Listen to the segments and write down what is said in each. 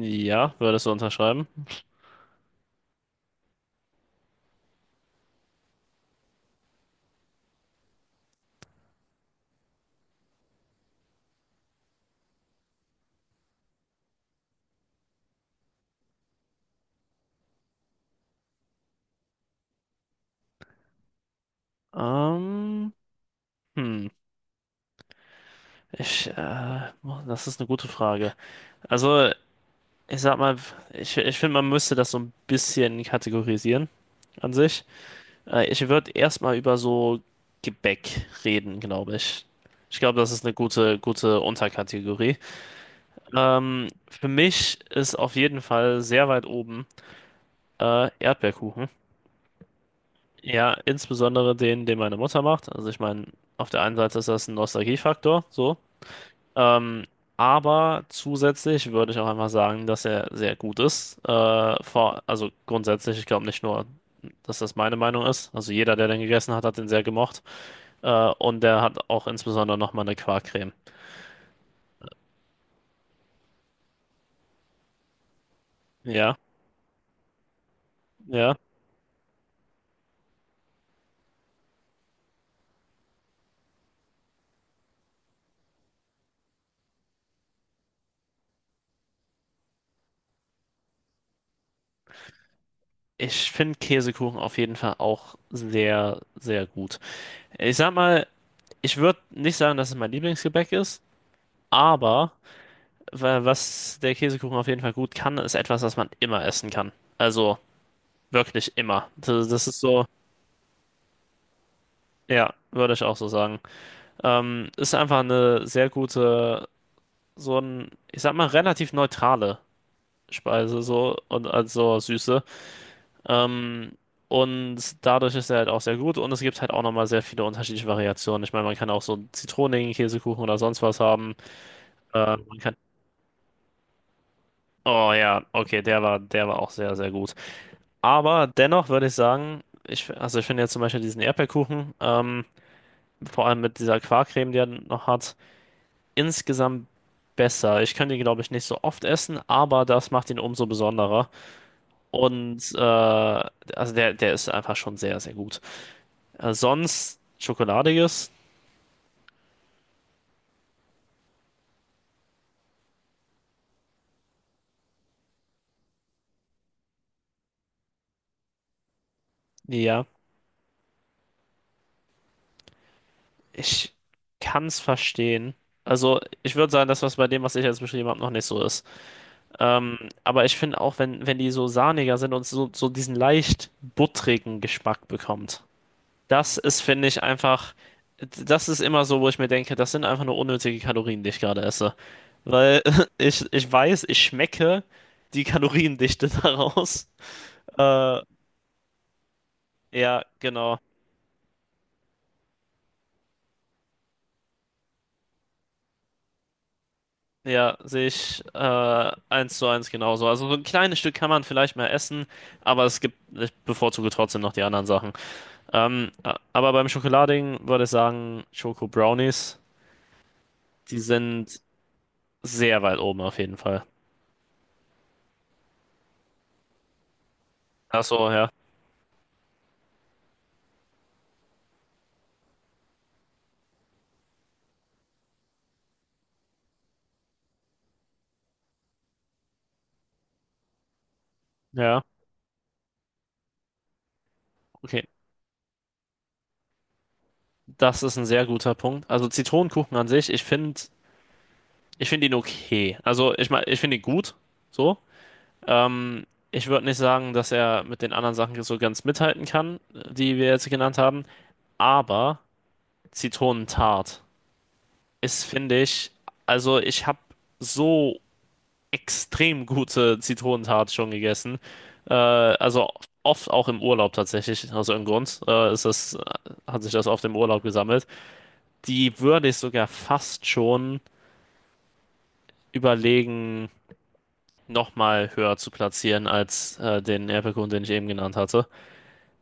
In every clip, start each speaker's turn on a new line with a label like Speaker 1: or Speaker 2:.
Speaker 1: Ja, würdest du unterschreiben? Ähm, hm, das ist eine gute Frage. Also, ich sag mal, ich finde, man müsste das so ein bisschen kategorisieren an sich. Ich würde erstmal über so Gebäck reden, glaube ich. Ich glaube, das ist eine gute Unterkategorie. Für mich ist auf jeden Fall sehr weit oben Erdbeerkuchen. Ja, insbesondere den meine Mutter macht. Also ich meine, auf der einen Seite ist das ein Nostalgiefaktor, so. Ähm, aber zusätzlich würde ich auch einfach sagen, dass er sehr gut ist. Also grundsätzlich, ich glaube nicht nur, dass das meine Meinung ist. Also jeder, der den gegessen hat, hat den sehr gemocht. Und der hat auch insbesondere nochmal eine Quarkcreme. Ja, ja. Ich finde Käsekuchen auf jeden Fall auch sehr, sehr gut. Ich sag mal, ich würde nicht sagen, dass es mein Lieblingsgebäck ist, aber was der Käsekuchen auf jeden Fall gut kann, ist etwas, was man immer essen kann. Also wirklich immer. Das ist so, ja, würde ich auch so sagen. Ist einfach eine sehr gute, so ein, ich sag mal, relativ neutrale Speise, so und also Süße. Ähm, und dadurch ist er halt auch sehr gut und es gibt halt auch nochmal sehr viele unterschiedliche Variationen. Ich meine, man kann auch so einen zitronigen Käsekuchen oder sonst was haben. Äh, man kann, oh ja, okay, der war auch sehr, sehr gut. Aber dennoch würde ich sagen, ich, also ich finde jetzt zum Beispiel diesen Erdbeerkuchen, vor allem mit dieser Quarkcreme, die er noch hat, insgesamt besser. Ich könnte ihn, glaube ich, nicht so oft essen, aber das macht ihn umso besonderer. Und der ist einfach schon sehr, sehr gut. Sonst Schokoladiges, ja, ich kann es verstehen. Also ich würde sagen, das, was bei dem, was ich jetzt beschrieben habe, noch nicht so ist. Ähm, aber ich finde auch, wenn die so sahniger sind und so, so diesen leicht buttrigen Geschmack bekommt, das ist, finde ich, einfach, das ist immer so, wo ich mir denke, das sind einfach nur unnötige Kalorien, die ich gerade esse. Weil ich weiß, ich schmecke die Kaloriendichte daraus. Äh, ja, genau. Ja, sehe ich eins zu eins genauso. Also so ein kleines Stück kann man vielleicht mal essen, aber es gibt, ich bevorzuge trotzdem noch die anderen Sachen. Aber beim Schokolading würde ich sagen, Schoko Brownies, die sind sehr weit oben auf jeden Fall. Ach so, ja. Ja, okay. Das ist ein sehr guter Punkt. Also Zitronenkuchen an sich, ich finde ihn okay. Also ich meine, ich finde ihn gut, so. Ähm, ich würde nicht sagen, dass er mit den anderen Sachen so ganz mithalten kann, die wir jetzt genannt haben. Aber Zitronentart ist, finde ich, also ich habe so extrem gute Zitronentat schon gegessen. Also oft auch im Urlaub tatsächlich, aus irgendeinem Grund. Hat sich das oft im Urlaub gesammelt. Die würde ich sogar fast schon überlegen, nochmal höher zu platzieren als den Erdbeerkuchen, den ich eben genannt hatte.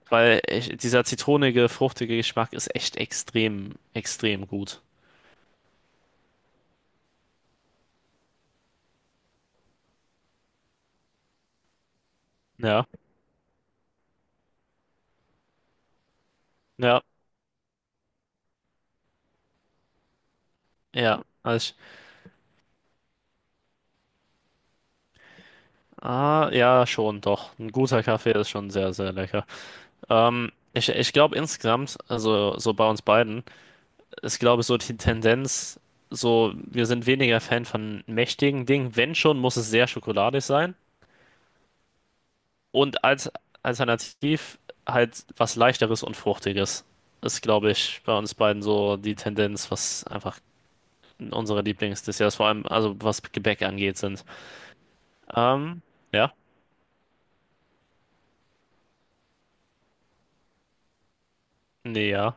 Speaker 1: Weil ich, dieser zitronige, fruchtige Geschmack ist echt extrem, extrem gut. Ja, ja, ja. Ja, schon, doch. Ein guter Kaffee ist schon sehr, sehr lecker. Ich glaube insgesamt, also so bei uns beiden, ist glaube ich so die Tendenz, so wir sind weniger Fan von mächtigen Dingen. Wenn schon, muss es sehr schokoladig sein. Und als alternativ halt was Leichteres und Fruchtiges. Ist glaube ich bei uns beiden so die Tendenz, was einfach unsere Lieblingsdesserts, vor allem also was Gebäck angeht, sind. Ähm, ja, ja.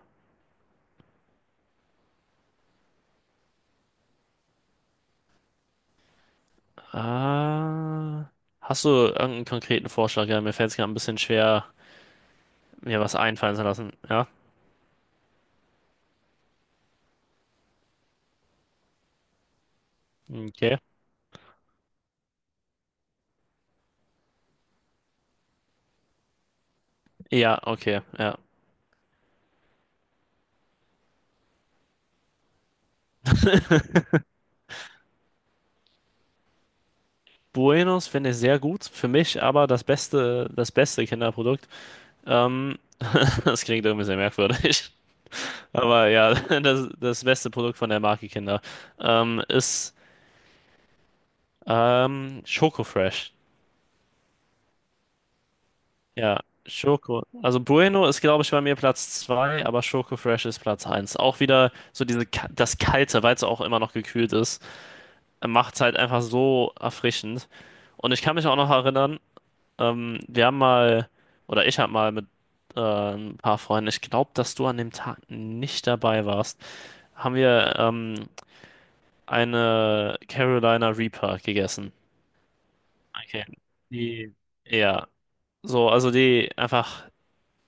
Speaker 1: Äh, hast du irgendeinen konkreten Vorschlag? Ja, mir fällt es gerade ein bisschen schwer, mir was einfallen zu lassen. Ja, okay. Ja, okay, ja. Buenos finde ich sehr gut. Für mich aber das beste Kinderprodukt. Ähm, Das klingt irgendwie sehr merkwürdig. Aber ja, das, das beste Produkt von der Marke Kinder ist Schoko Fresh. Ja, Schoko. Also Bueno ist, glaube ich, bei mir Platz 2, aber Schoko Fresh ist Platz eins. Auch wieder so diese, das Kalte, weil es auch immer noch gekühlt ist, macht es halt einfach so erfrischend. Und ich kann mich auch noch erinnern, wir haben mal, oder ich habe mal mit ein paar Freunden, ich glaube, dass du an dem Tag nicht dabei warst, haben wir eine Carolina Reaper gegessen. Okay. Die, Ja, so, also die einfach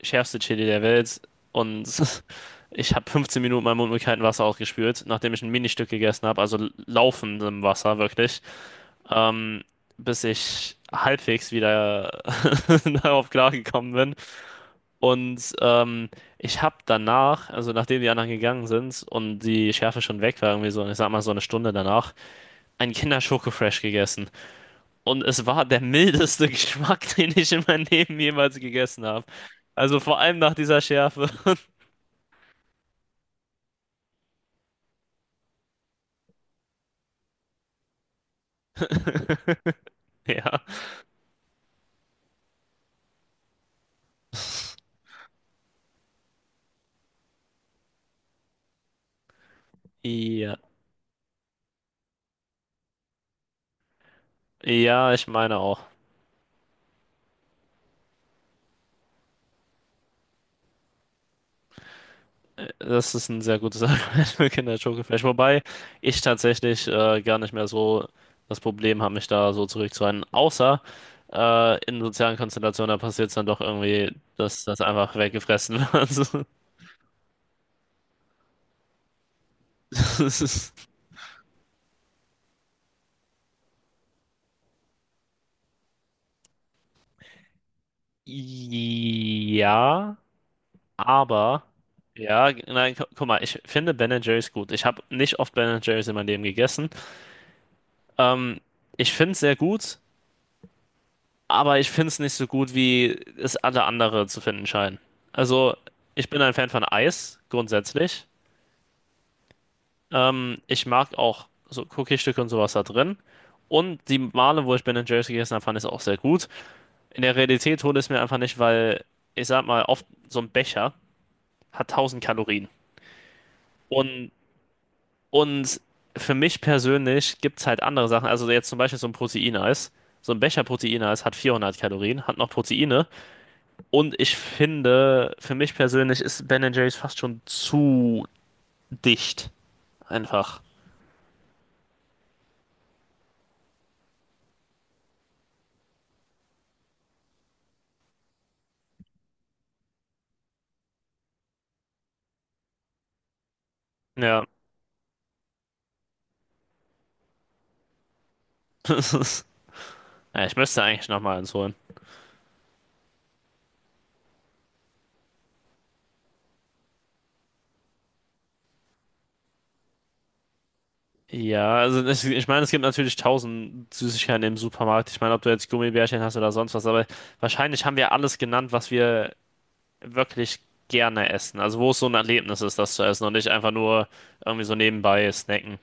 Speaker 1: schärfste Chili der Welt. Und ich habe 15 Minuten meinen Mund mit kaltem Wasser ausgespült, nachdem ich ein Ministück gegessen habe, also laufendem Wasser wirklich, ähm, bis ich halbwegs wieder darauf klargekommen bin. Und ähm, ich habe danach, also nachdem die anderen gegangen sind und die Schärfe schon weg war, irgendwie so, ich sag mal so eine Stunde danach, einen Kinder-Schoko-Fresh gegessen. Und es war der mildeste Geschmack, den ich in meinem Leben jemals gegessen habe. Also vor allem nach dieser Schärfe. Ja. Ja. Ja, ich meine auch. Das ist ein sehr gutes Argument für Kinder-Schokofleisch. Wobei ich tatsächlich gar nicht mehr so das Problem habe, mich da so zurückzuhalten. Außer in sozialen Konstellationen, da passiert es dann doch irgendwie, dass das einfach weggefressen wird. So. Das ist, ja, aber. Ja, g- nein, gu Guck mal, ich finde Ben Jerry's gut. Ich habe nicht oft Ben Jerry's in meinem Leben gegessen. Ähm, ich finde es sehr gut, aber ich finde es nicht so gut, wie es alle anderen zu finden scheinen. Also, ich bin ein Fan von Eis, grundsätzlich. Ich mag auch so Cookie-Stücke und sowas da drin. Und die Male, wo ich Ben and Jerry's gegessen habe, fand ich es auch sehr gut. In der Realität hole ich es mir einfach nicht, weil ich sag mal, oft so ein Becher hat 1.000 Kalorien. Und, und für mich persönlich gibt es halt andere Sachen. Also, jetzt zum Beispiel so ein Proteineis. So ein Becher Proteineis hat 400 Kalorien, hat noch Proteine. Und ich finde, für mich persönlich ist Ben Jerry's fast schon zu dicht. Einfach. Ja. Ja, ich müsste eigentlich nochmal eins holen. Ich meine, es gibt natürlich 1.000 Süßigkeiten im Supermarkt. Ich meine, ob du jetzt Gummibärchen hast oder sonst was, aber wahrscheinlich haben wir alles genannt, was wir wirklich gerne essen. Also wo es so ein Erlebnis ist, das zu essen und nicht einfach nur irgendwie so nebenbei snacken.